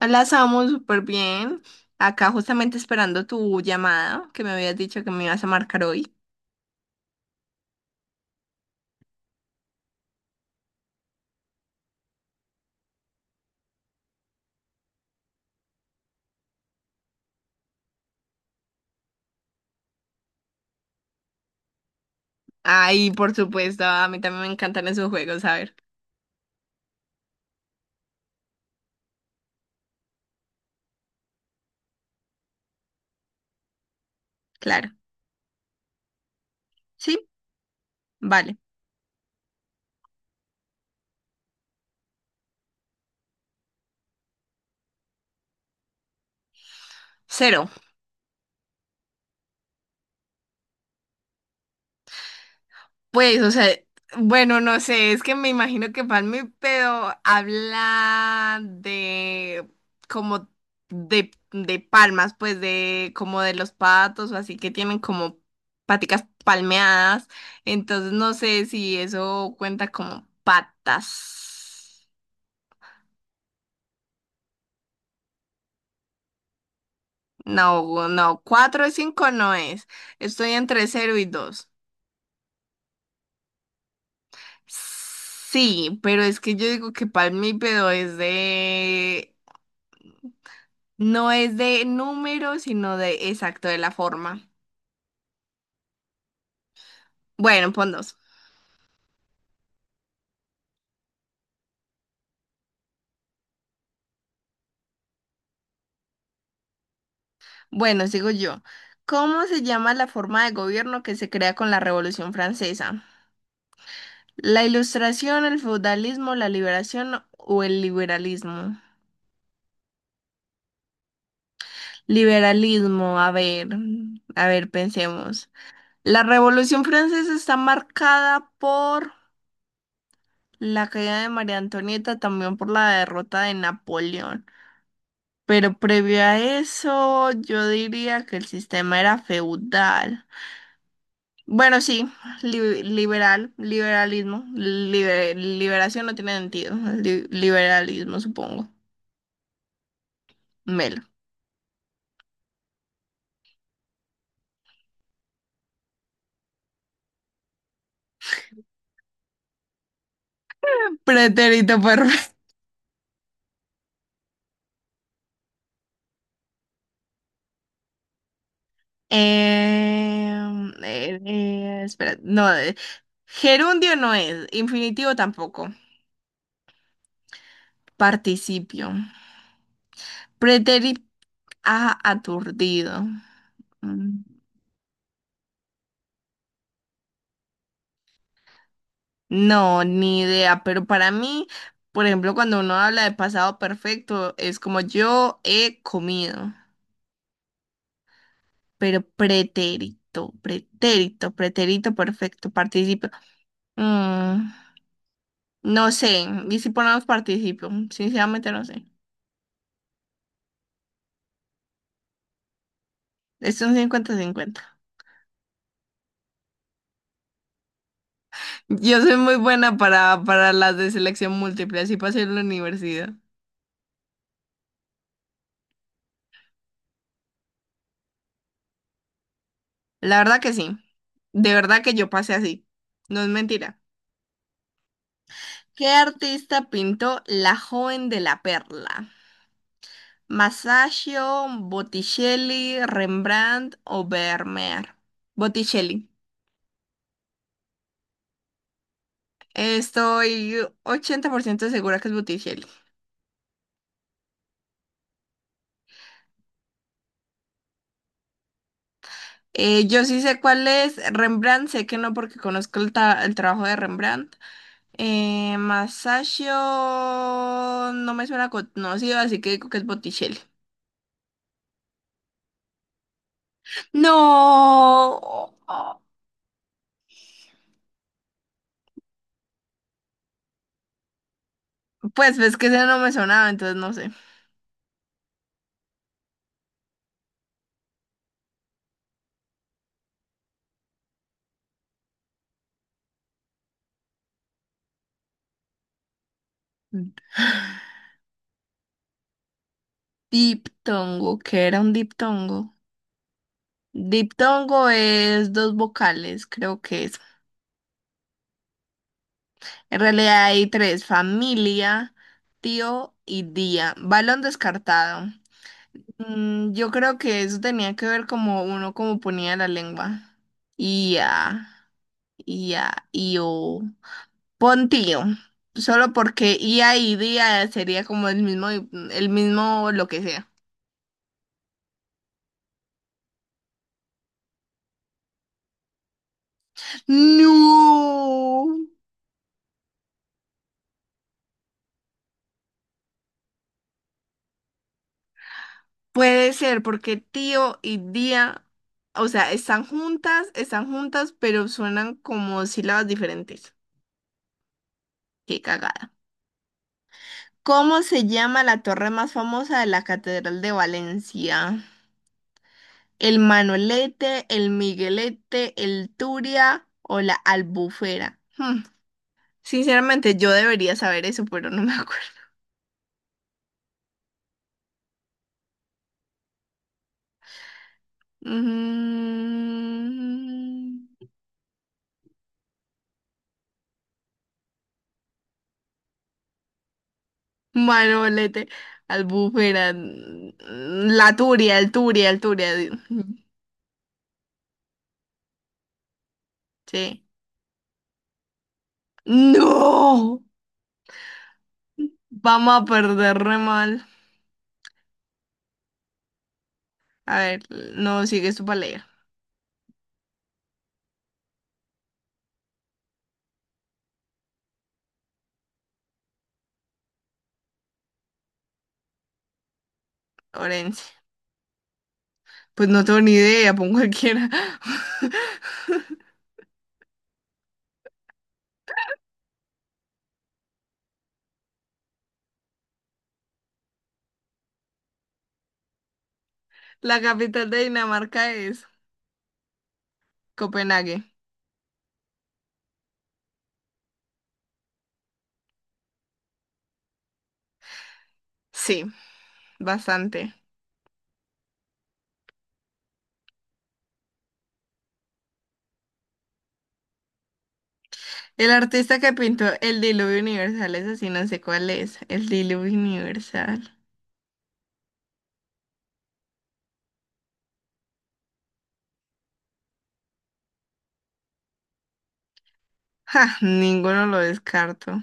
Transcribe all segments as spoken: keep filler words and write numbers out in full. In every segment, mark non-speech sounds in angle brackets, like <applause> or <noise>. Las amo súper bien. Acá justamente esperando tu llamada, que me habías dicho que me ibas a marcar hoy. Ay, por supuesto, a mí también me encantan esos juegos, a ver. Claro. Sí, vale. Cero. Pues, o sea, bueno, no sé, es que me imagino que Palme pero habla de como de, de palmas, pues de como de los patos o así que tienen como paticas palmeadas, entonces no sé si eso cuenta como patas. No, no, cuatro o cinco no es. Estoy entre cero y dos. Sí, pero es que yo digo que palmípedo es de no es de número, sino de exacto, de la forma. Bueno, pon dos. Bueno, sigo yo. ¿Cómo se llama la forma de gobierno que se crea con la Revolución Francesa? ¿La Ilustración, el feudalismo, la liberación o el liberalismo? Liberalismo, a ver, a ver, pensemos. La Revolución Francesa está marcada por la caída de María Antonieta, también por la derrota de Napoleón. Pero previo a eso, yo diría que el sistema era feudal. Bueno, sí, li- liberal, liberalismo, libe- liberación no tiene sentido, li- liberalismo supongo. Melo. Pretérito perfecto. <laughs> Em, eh, eh, espera, no, eh, gerundio no es, infinitivo tampoco, participio. Pretérito aturdido. Mm. No, ni idea, pero para mí, por ejemplo, cuando uno habla de pasado perfecto, es como yo he comido, pero pretérito, pretérito, pretérito perfecto, participio. mm, no sé, y si ponemos participio, sinceramente no sé. Es un cincuenta-cincuenta. Yo soy muy buena para, para las de selección múltiple, así pasé en la universidad. La verdad que sí, de verdad que yo pasé así, no es mentira. ¿Qué artista pintó La joven de la perla? ¿Masaccio, Botticelli, Rembrandt o Vermeer? Botticelli. Estoy ochenta por ciento segura que es Botticelli. Eh, yo sí sé cuál es. Rembrandt, sé que no porque conozco el, ta- el trabajo de Rembrandt. Eh, Masaccio no me suena conocido, así que digo que es Botticelli. No, pues ves que ese no me sonaba, entonces no sé. Diptongo, ¿qué era un diptongo? Diptongo es dos vocales, creo que es. En realidad hay tres, familia, tío y día. Balón descartado. Mm, yo creo que eso tenía que ver como uno como ponía la lengua. Ia, ia, io. Pontío. Solo porque ia y día sería como el mismo, el mismo lo que sea. No. Puede ser porque tío y día, o sea, están juntas, están juntas, pero suenan como sílabas diferentes. Qué cagada. ¿Cómo se llama la torre más famosa de la Catedral de Valencia? ¿El Manolete, el Miguelete, el Turia o la Albufera? Hmm. Sinceramente, yo debería saber eso, pero no me <laughs> acuerdo. Mm, Manolete, albúfera, mm, la turia, el turia, el turia. di- Sí. ¡No! Vamos a perder re mal. A ver, no, sigue su leer. Orense. Pues no tengo ni idea, pon cualquiera. <laughs> La capital de Dinamarca es Copenhague. Sí, bastante. El artista que pintó el diluvio universal es así, no sé cuál es. El diluvio universal. Ja, ninguno lo descarto.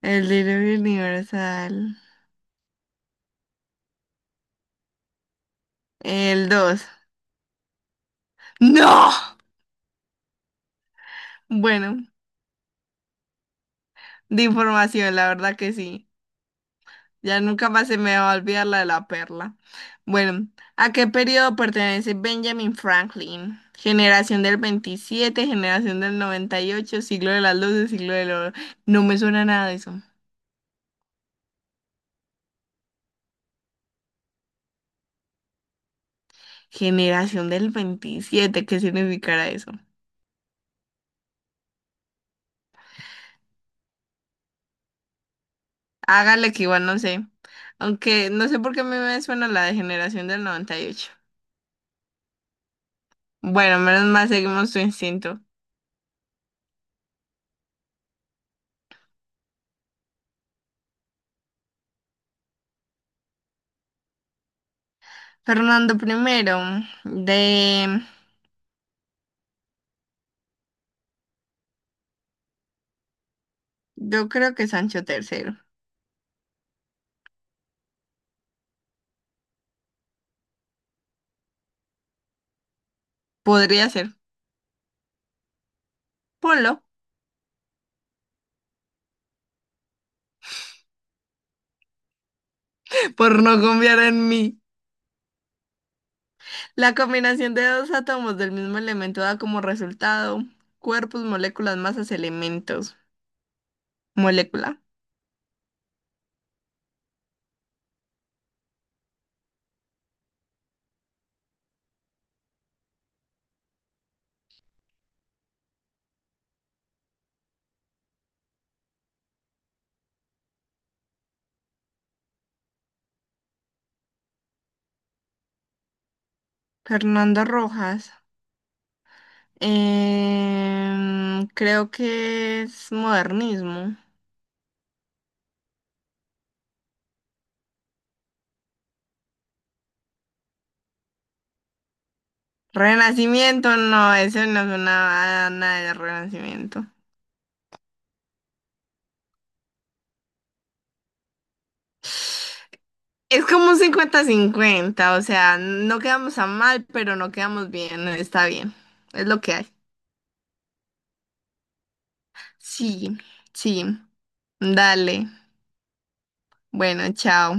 El Diluvio Universal. El dos. ¡No! Bueno, de información, la verdad que sí. Ya nunca más se me va a olvidar la de la perla. Bueno, ¿a qué periodo pertenece Benjamin Franklin? Generación del veintisiete, generación del noventa y ocho, siglo de las luces, siglo del oro. No me suena nada de eso. Generación del veintisiete. ¿Qué significará eso? Hágale que igual no sé. Aunque no sé por qué a mí me suena la de generación del noventa y ocho. Bueno, menos mal seguimos su instinto. Fernando primero, de... Yo creo que Sancho tercero. Podría ser. Ponlo, <laughs> por no confiar en mí. La combinación de dos átomos del mismo elemento da como resultado cuerpos, moléculas, masas, elementos. Molécula. Fernando Rojas. Em, creo que es modernismo. Renacimiento, no, eso no es una nada de renacimiento. Es como un cincuenta-cincuenta, o sea, no quedamos a mal, pero no quedamos bien, está bien, es lo que hay. Sí, sí, dale, bueno, chao.